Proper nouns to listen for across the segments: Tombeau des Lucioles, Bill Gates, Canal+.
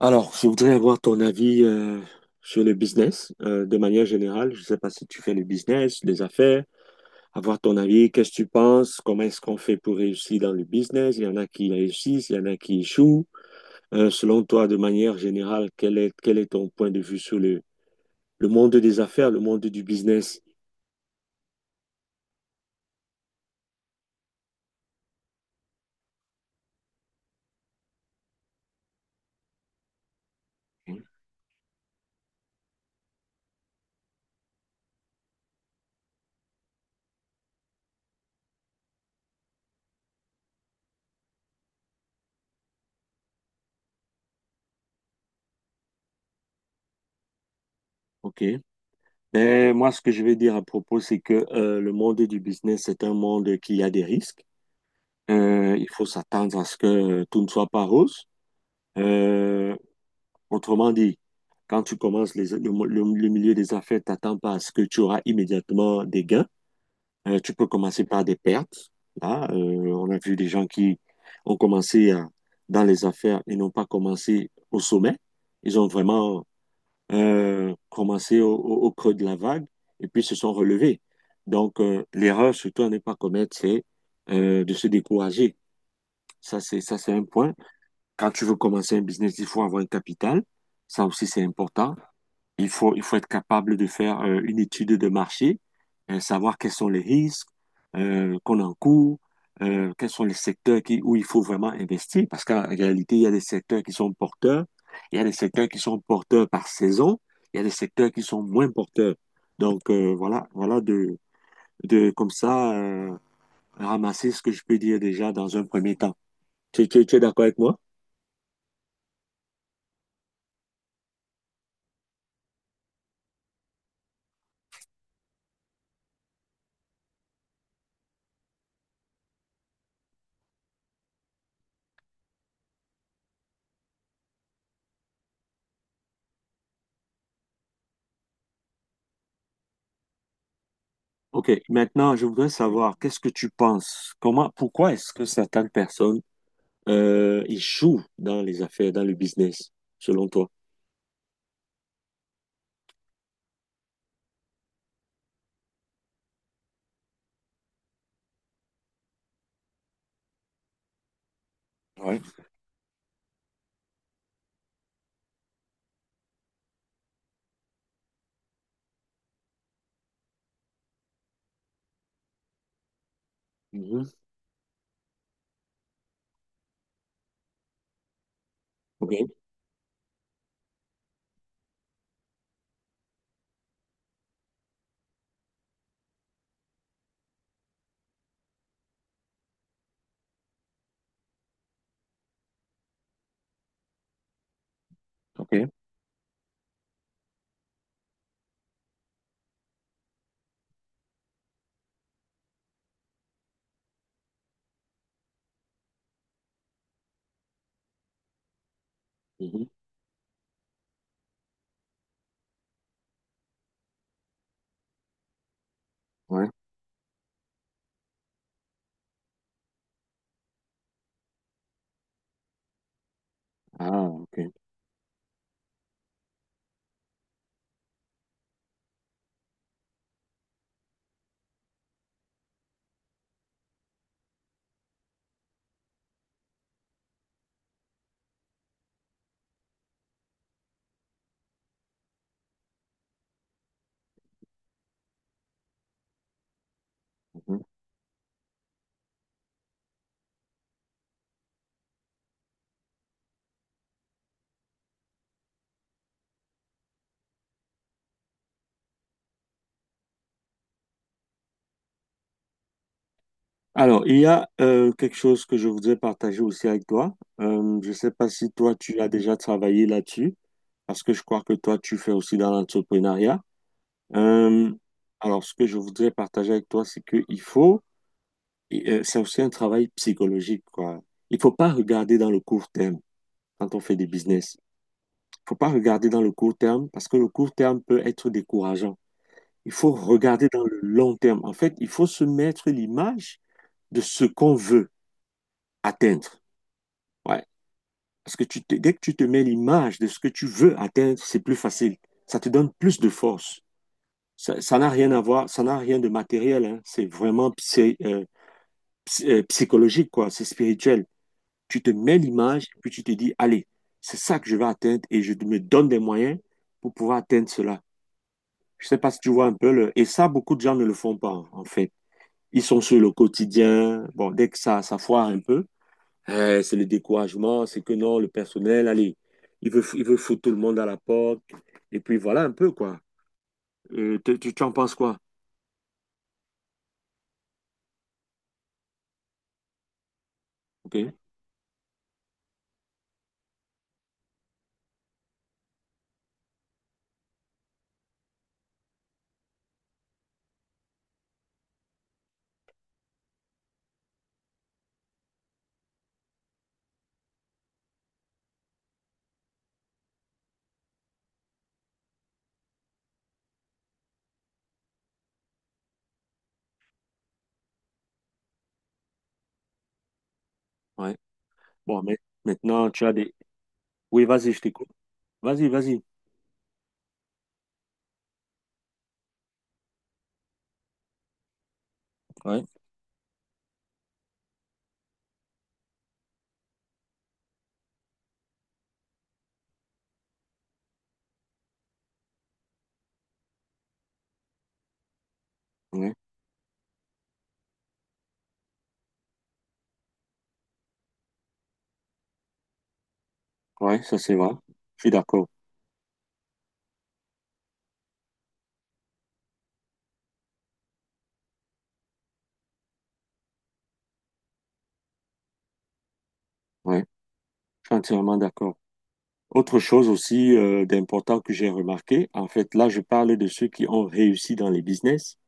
Alors, je voudrais avoir ton avis sur le business de manière générale. Je ne sais pas si tu fais le business, les affaires. Avoir ton avis, qu'est-ce que tu penses? Comment est-ce qu'on fait pour réussir dans le business? Il y en a qui réussissent, il y en a qui échouent. Selon toi, de manière générale, quel est ton point de vue sur le monde des affaires, le monde du business? OK. Ben, moi, ce que je vais dire à propos, c'est que le monde du business, c'est un monde qui a des risques. Il faut s'attendre à ce que tout ne soit pas rose. Euh, Autrement dit, quand tu commences le milieu des affaires, t'attends pas à ce que tu auras immédiatement des gains. Tu peux commencer par des pertes. Là, on a vu des gens qui ont commencé à- dans les affaires et n'ont pas commencé au sommet. Ils ont vraiment commencé au creux de la vague et puis se sont relevés. Donc, l'erreur, surtout à ne pas commettre, c'est de se décourager. Ça, c'est un point. Quand tu veux commencer un business, il faut avoir un capital. Ça aussi, c'est important. Il faut être capable de faire une étude de marché, savoir quels sont les risques qu'on encourt, quels sont où il faut vraiment investir, parce qu'en réalité, il y a des secteurs qui sont porteurs, il y a des secteurs qui sont porteurs par saison, il y a des secteurs qui sont moins porteurs. Donc voilà de comme ça ramasser ce que je peux dire déjà dans un premier temps. Tu es d'accord avec moi? Ok, maintenant je voudrais savoir qu'est-ce que tu penses? Pourquoi est-ce que certaines personnes échouent dans les affaires, dans le business, selon toi? Ouais. Mhm. Ok. Ok. Mhm. Ouais. Ah, ok. Mhm. Alors, il y a quelque chose que je voudrais partager aussi avec toi. Je ne sais pas si toi, tu as déjà travaillé là-dessus, parce que je crois que toi, tu fais aussi dans l'entrepreneuriat. Euh, alors, ce que je voudrais partager avec toi, c'est qu'il faut, c'est aussi un travail psychologique, quoi. Il ne faut pas regarder dans le court terme quand on fait des business. Faut pas regarder dans le court terme parce que le court terme peut être décourageant. Il faut regarder dans le long terme. En fait, il faut se mettre l'image de ce qu'on veut atteindre. Ouais. Parce que dès que tu te mets l'image de ce que tu veux atteindre, c'est plus facile. Ça te donne plus de force. Ça n'a rien à voir, ça n'a rien de matériel, hein. C'est vraiment psychologique, quoi. C'est spirituel. Tu te mets l'image, puis tu te dis, allez, c'est ça que je vais atteindre et je me donne des moyens pour pouvoir atteindre cela. Je sais pas si tu vois un peu le... Et ça, beaucoup de gens ne le font pas, en fait. Ils sont sur le quotidien. Bon, dès que ça foire un peu, eh, c'est le découragement, c'est que non, le personnel, allez, il veut foutre tout le monde à la porte. Et puis voilà un peu, quoi. Tu en penses quoi? OK, ouais. Bon, mais maintenant, tu as des... Oui, vas-y, je t'écoute. Vas-y, vas-y. Ouais, ouais, ouais, ça c'est vrai. Je suis d'accord. Ouais, je suis entièrement d'accord. Autre chose aussi d'important que j'ai remarqué, en fait, là, je parle de ceux qui ont réussi dans les business,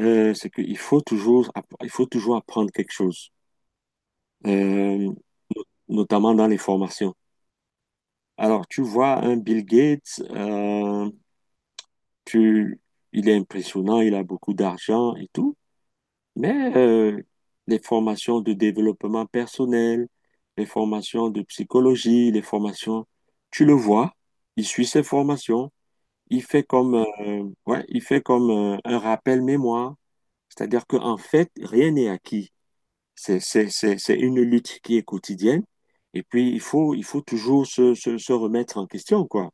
c'est qu'il faut toujours, il faut toujours apprendre quelque chose, euh, notamment dans les formations. Alors, tu vois, un Bill Gates, tu, il est impressionnant, il a beaucoup d'argent et tout, mais les formations de développement personnel, les formations de psychologie, les formations, tu le vois, il suit ses formations. Il fait comme, ouais, il fait comme un rappel mémoire, c'est-à-dire qu'en fait, rien n'est acquis. C'est une lutte qui est quotidienne, et puis il faut toujours se remettre en question, quoi.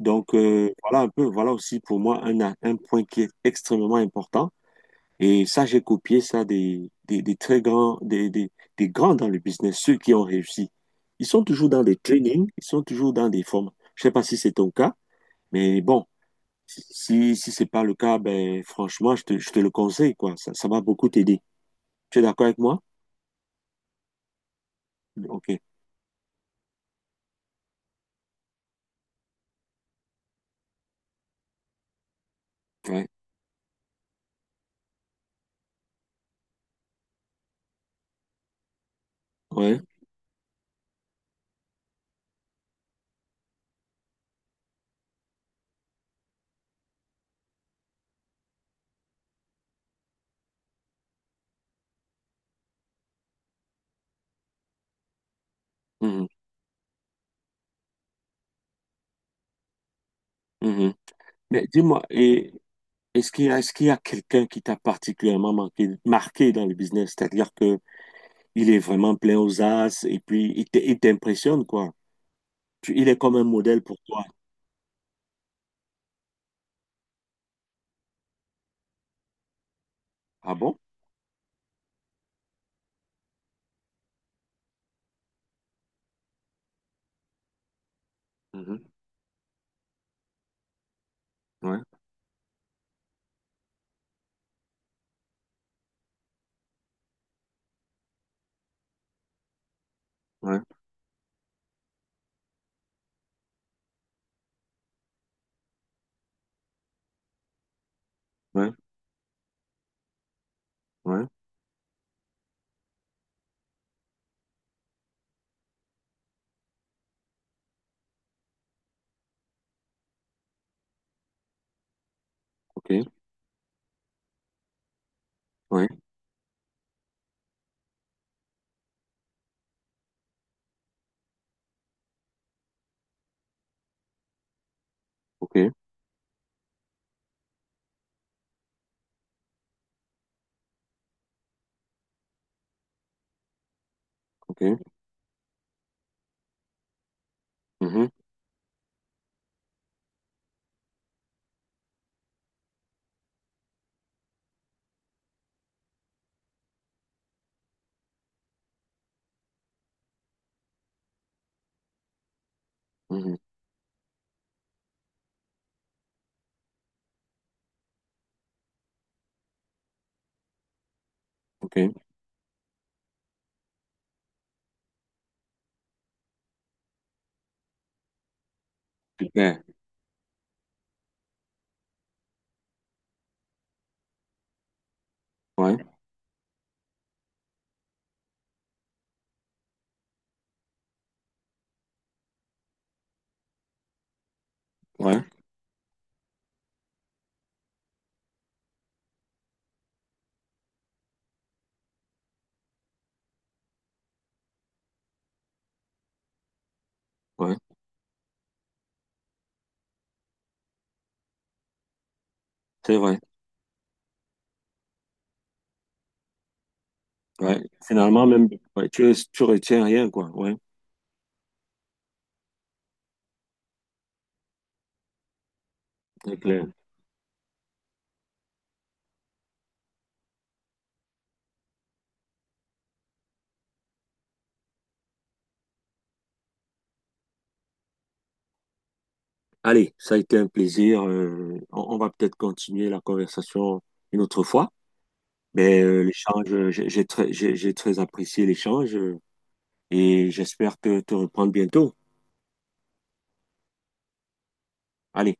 Donc voilà un peu, voilà aussi pour moi un point qui est extrêmement important. Et ça, j'ai copié ça des très grands, des grands dans le business, ceux qui ont réussi. Ils sont toujours dans des trainings, ils sont toujours dans des formes. Je sais pas si c'est ton cas, mais bon. Si, si c'est pas le cas, ben, franchement, je te le conseille, quoi. Ça va beaucoup t'aider. Tu es d'accord avec moi? Ok. Ouais. Ouais. Mhm. Mhm. Mais dis-moi, et est-ce qu'il y a quelqu'un qui t'a particulièrement marqué dans le business? C'est-à-dire que il est vraiment plein aux as et puis il t'impressionne, quoi. Il est comme un modèle pour toi. Ah bon? Mhm. Ouais. Ouais. Ouais. Ouais. Ok. Ouais. Ok. Ok. Mhm. Mhm. Ok. Super. Ouais. Ouais. Ouais. C'est vrai. Ouais, finalement, même, ouais, tu retiens rien, quoi. Ouais, c'est clair. Allez, ça a été un plaisir. On va peut-être continuer la conversation une autre fois. Mais l'échange, j'ai très apprécié l'échange et j'espère te reprendre bientôt. Allez.